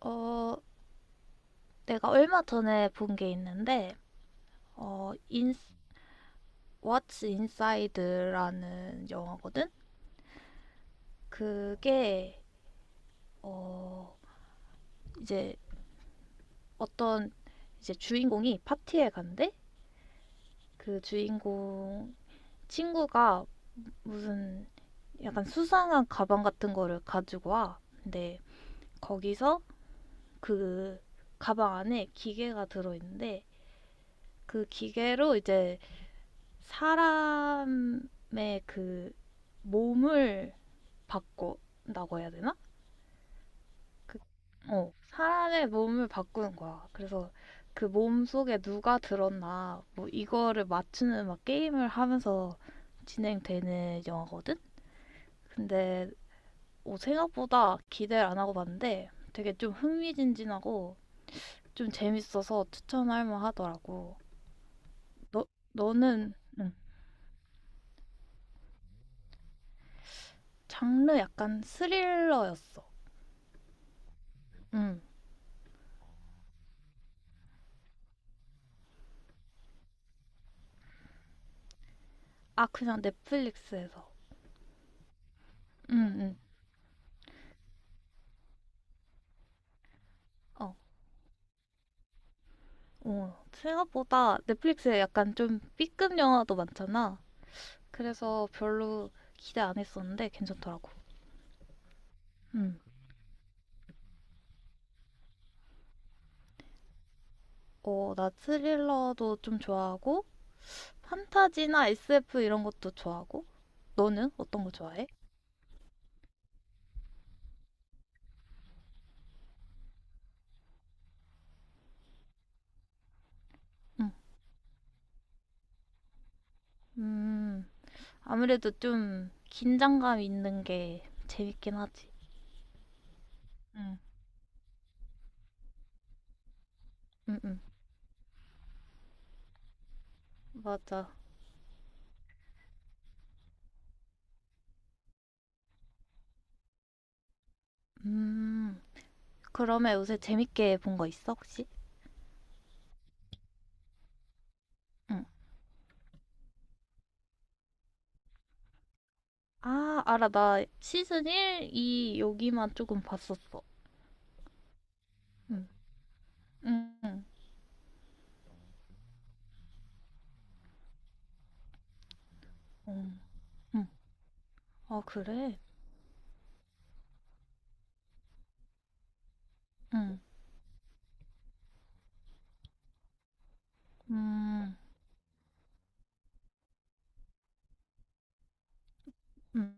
어, 내가 얼마 전에 본 게 있는데, 어, 인, What's Inside라는 영화거든? 그게, 어, 이제 어떤 이제 주인공이 파티에 간대? 그 주인공 친구가 무슨 약간 수상한 가방 같은 거를 가지고 와. 근데 거기서 그 가방 안에 기계가 들어있는데, 그 기계로 이제 사람의 그 몸을 바꾼다고 해야 되나? 그, 사람의 몸을 바꾸는 거야. 그래서 그 몸 속에 누가 들었나, 뭐 이거를 맞추는 막 게임을 하면서 진행되는 영화거든? 근데 생각보다 기대를 안 하고 봤는데 되게 좀 흥미진진하고 좀 재밌어서 추천할 만하더라고. 너, 너는, 응, 장르 약간 스릴러였어. 응. 아, 그냥 넷플릭스에서. 응, 응. 어. 어. 생각보다 넷플릭스에 약간 좀 B급 영화도 많잖아. 그래서 별로 기대 안 했었는데 괜찮더라고. 응. 나 스릴러도 좀 좋아하고, 판타지나 SF 이런 것도 좋아하고. 너는 어떤 거 좋아해? 응. 음, 아무래도 좀 긴장감 있는 게 재밌긴 하지. 응, 응, 응. 맞아. 음, 그러면 요새 재밌게 본 거 있어, 혹시? 응. 아, 알아. 나 시즌 1, 2 여기만 조금 봤었어. 응, 응, 응, 응. 응. 아, 그래? 응, 음, 음,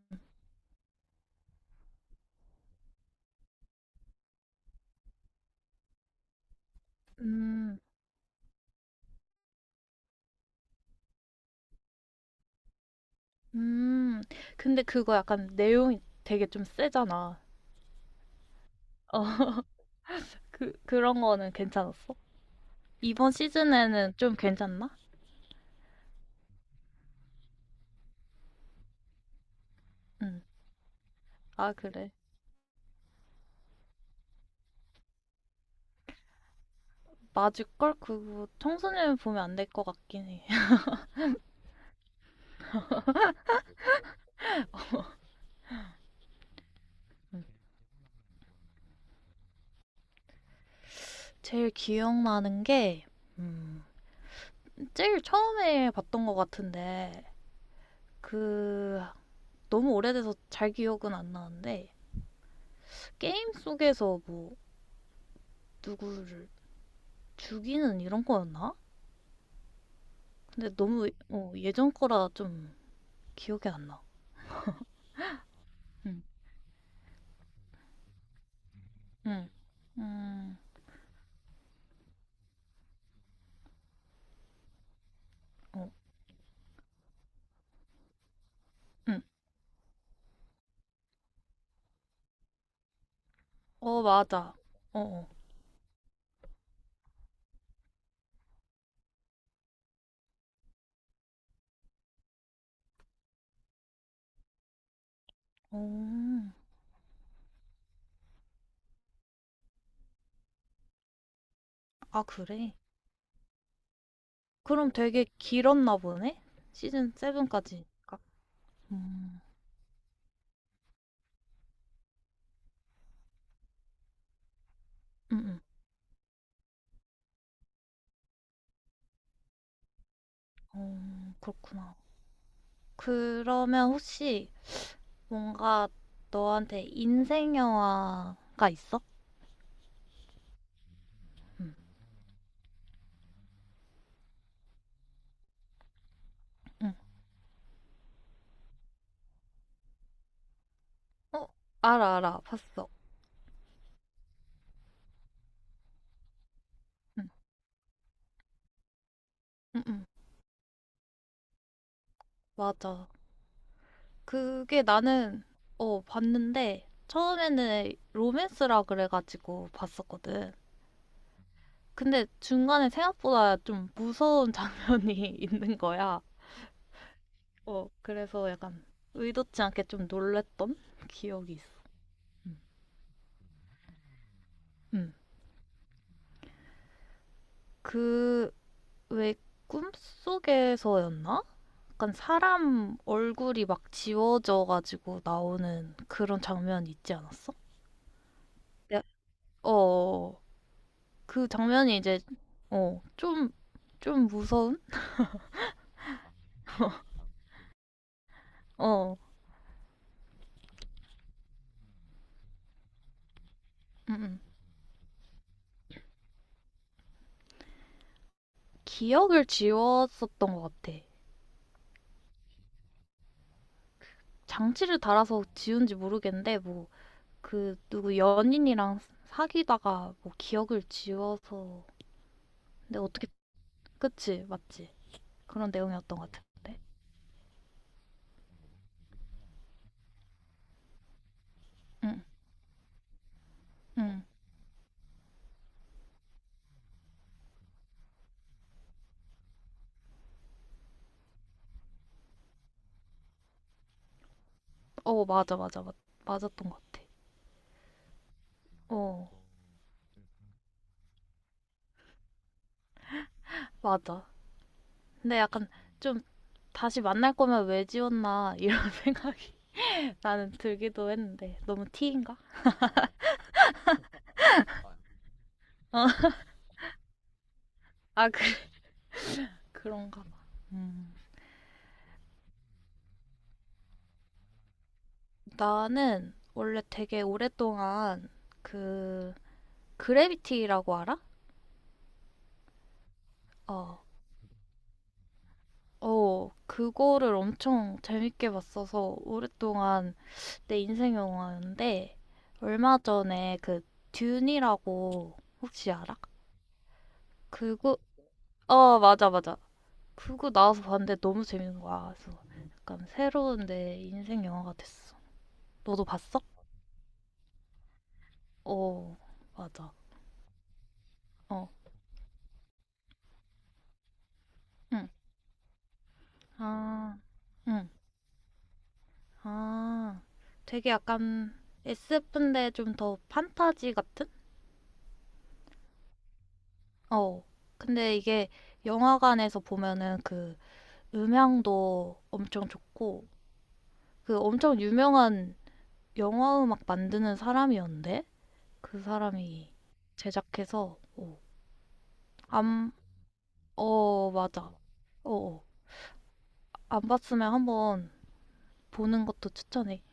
음, 음. 근데 그거 약간 내용이 되게 좀 세잖아. 어, 그런 거는 괜찮았어? 이번 시즌에는 좀 괜찮나? 응. 아, 그래. 맞을걸? 그거 청소년 보면 안 될 것 같긴 해. 음. 제일 기억나는 게, 음, 제일 처음에 봤던 것 같은데, 그 너무 오래돼서 잘 기억은 안 나는데 게임 속에서 뭐 누구를 죽이는 이런 거였나? 근데 너무 예전 거라 좀 기억이 안 나. 응, 응, 음, 어, 응, 어, 맞아. 어, 어, 어, 아 그래. 그럼 되게 길었나 보네? 시즌 7까지니까. 음, 음, 음, 어, 그렇구나. 그러면 혹시 뭔가 너한테 인생 영화가 있어? 응, 응. 어, 알아, 알아. 봤어. 응, 응, 응. 맞아. 그게 나는, 봤는데, 처음에는 로맨스라 그래가지고 봤었거든. 근데 중간에 생각보다 좀 무서운 장면이 있는 거야. 그래서 약간 의도치 않게 좀 놀랬던 기억이 있어. 응, 응. 그, 왜 꿈속에서였나? 약간 사람 얼굴이 막 지워져가지고 나오는 그런 장면 있지 않았어? 야, 어, 그 장면이 이제, 어, 좀, 좀 무서운? 어, 음, 음. 기억을 지웠었던 것 같아. 장치를 달아서 지운지 모르겠는데, 뭐, 그, 누구 연인이랑 사귀다가, 뭐, 기억을 지워서. 근데 어떻게, 그치, 맞지? 그런 내용이었던 것 같은데. 응, 응. 맞아, 맞아, 맞았던 것 같아. 어, 맞아. 근데 약간 좀, 다시 만날 거면 왜 지웠나, 이런 생각. 나는 들기도 했는데 너무 티인가? 어, 아 그, 그런가 봐. 음. 나는 원래 되게 오랫동안 그 그래비티라고 알아? 어. 그거를 엄청 재밌게 봤어서 오랫동안 내 인생 영화였는데 얼마 전에 그 듄이라고 혹시 알아? 그거. 맞아, 맞아. 그거 나와서 봤는데 너무 재밌는 거야. 그래서 약간 새로운 내 인생 영화가 됐어. 너도 봤어? 어, 맞아. 어, 응. 아, 응. 아, 되게 약간 SF인데 좀 더 판타지 같은? 어. 근데 이게 영화관에서 보면은 그 음향도 엄청 좋고, 그 엄청 유명한 영화 음악 만드는 사람이었는데? 그 사람이 제작해서, 어, 안, 어, 맞아. 어, 어. 안 봤으면 한번 보는 것도 추천해.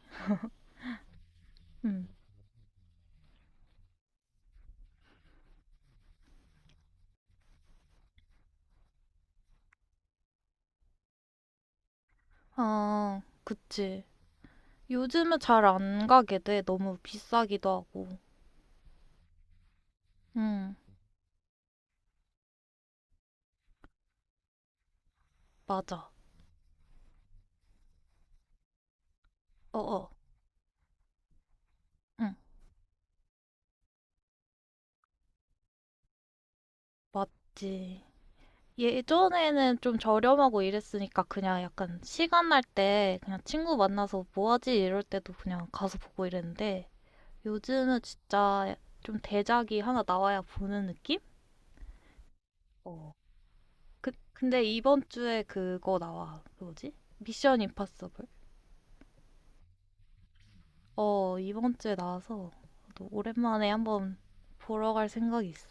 응. 아, 그치. 요즘은 잘 안 가게 돼. 너무 비싸기도 하고. 응, 맞아. 어어, 응, 맞지. 예전에는 좀 저렴하고 이랬으니까 그냥 약간 시간 날 때 그냥 친구 만나서 뭐 하지 이럴 때도 그냥 가서 보고 이랬는데 요즘은 진짜 좀 대작이 하나 나와야 보는 느낌? 어. 근데 이번 주에 그거 나와. 그 뭐지? 미션 임파서블. 이번 주에 나와서 또 오랜만에 한번 보러 갈 생각이 있어.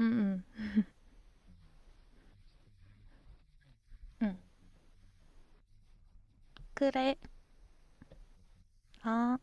응, 응, 응. 그래. 아.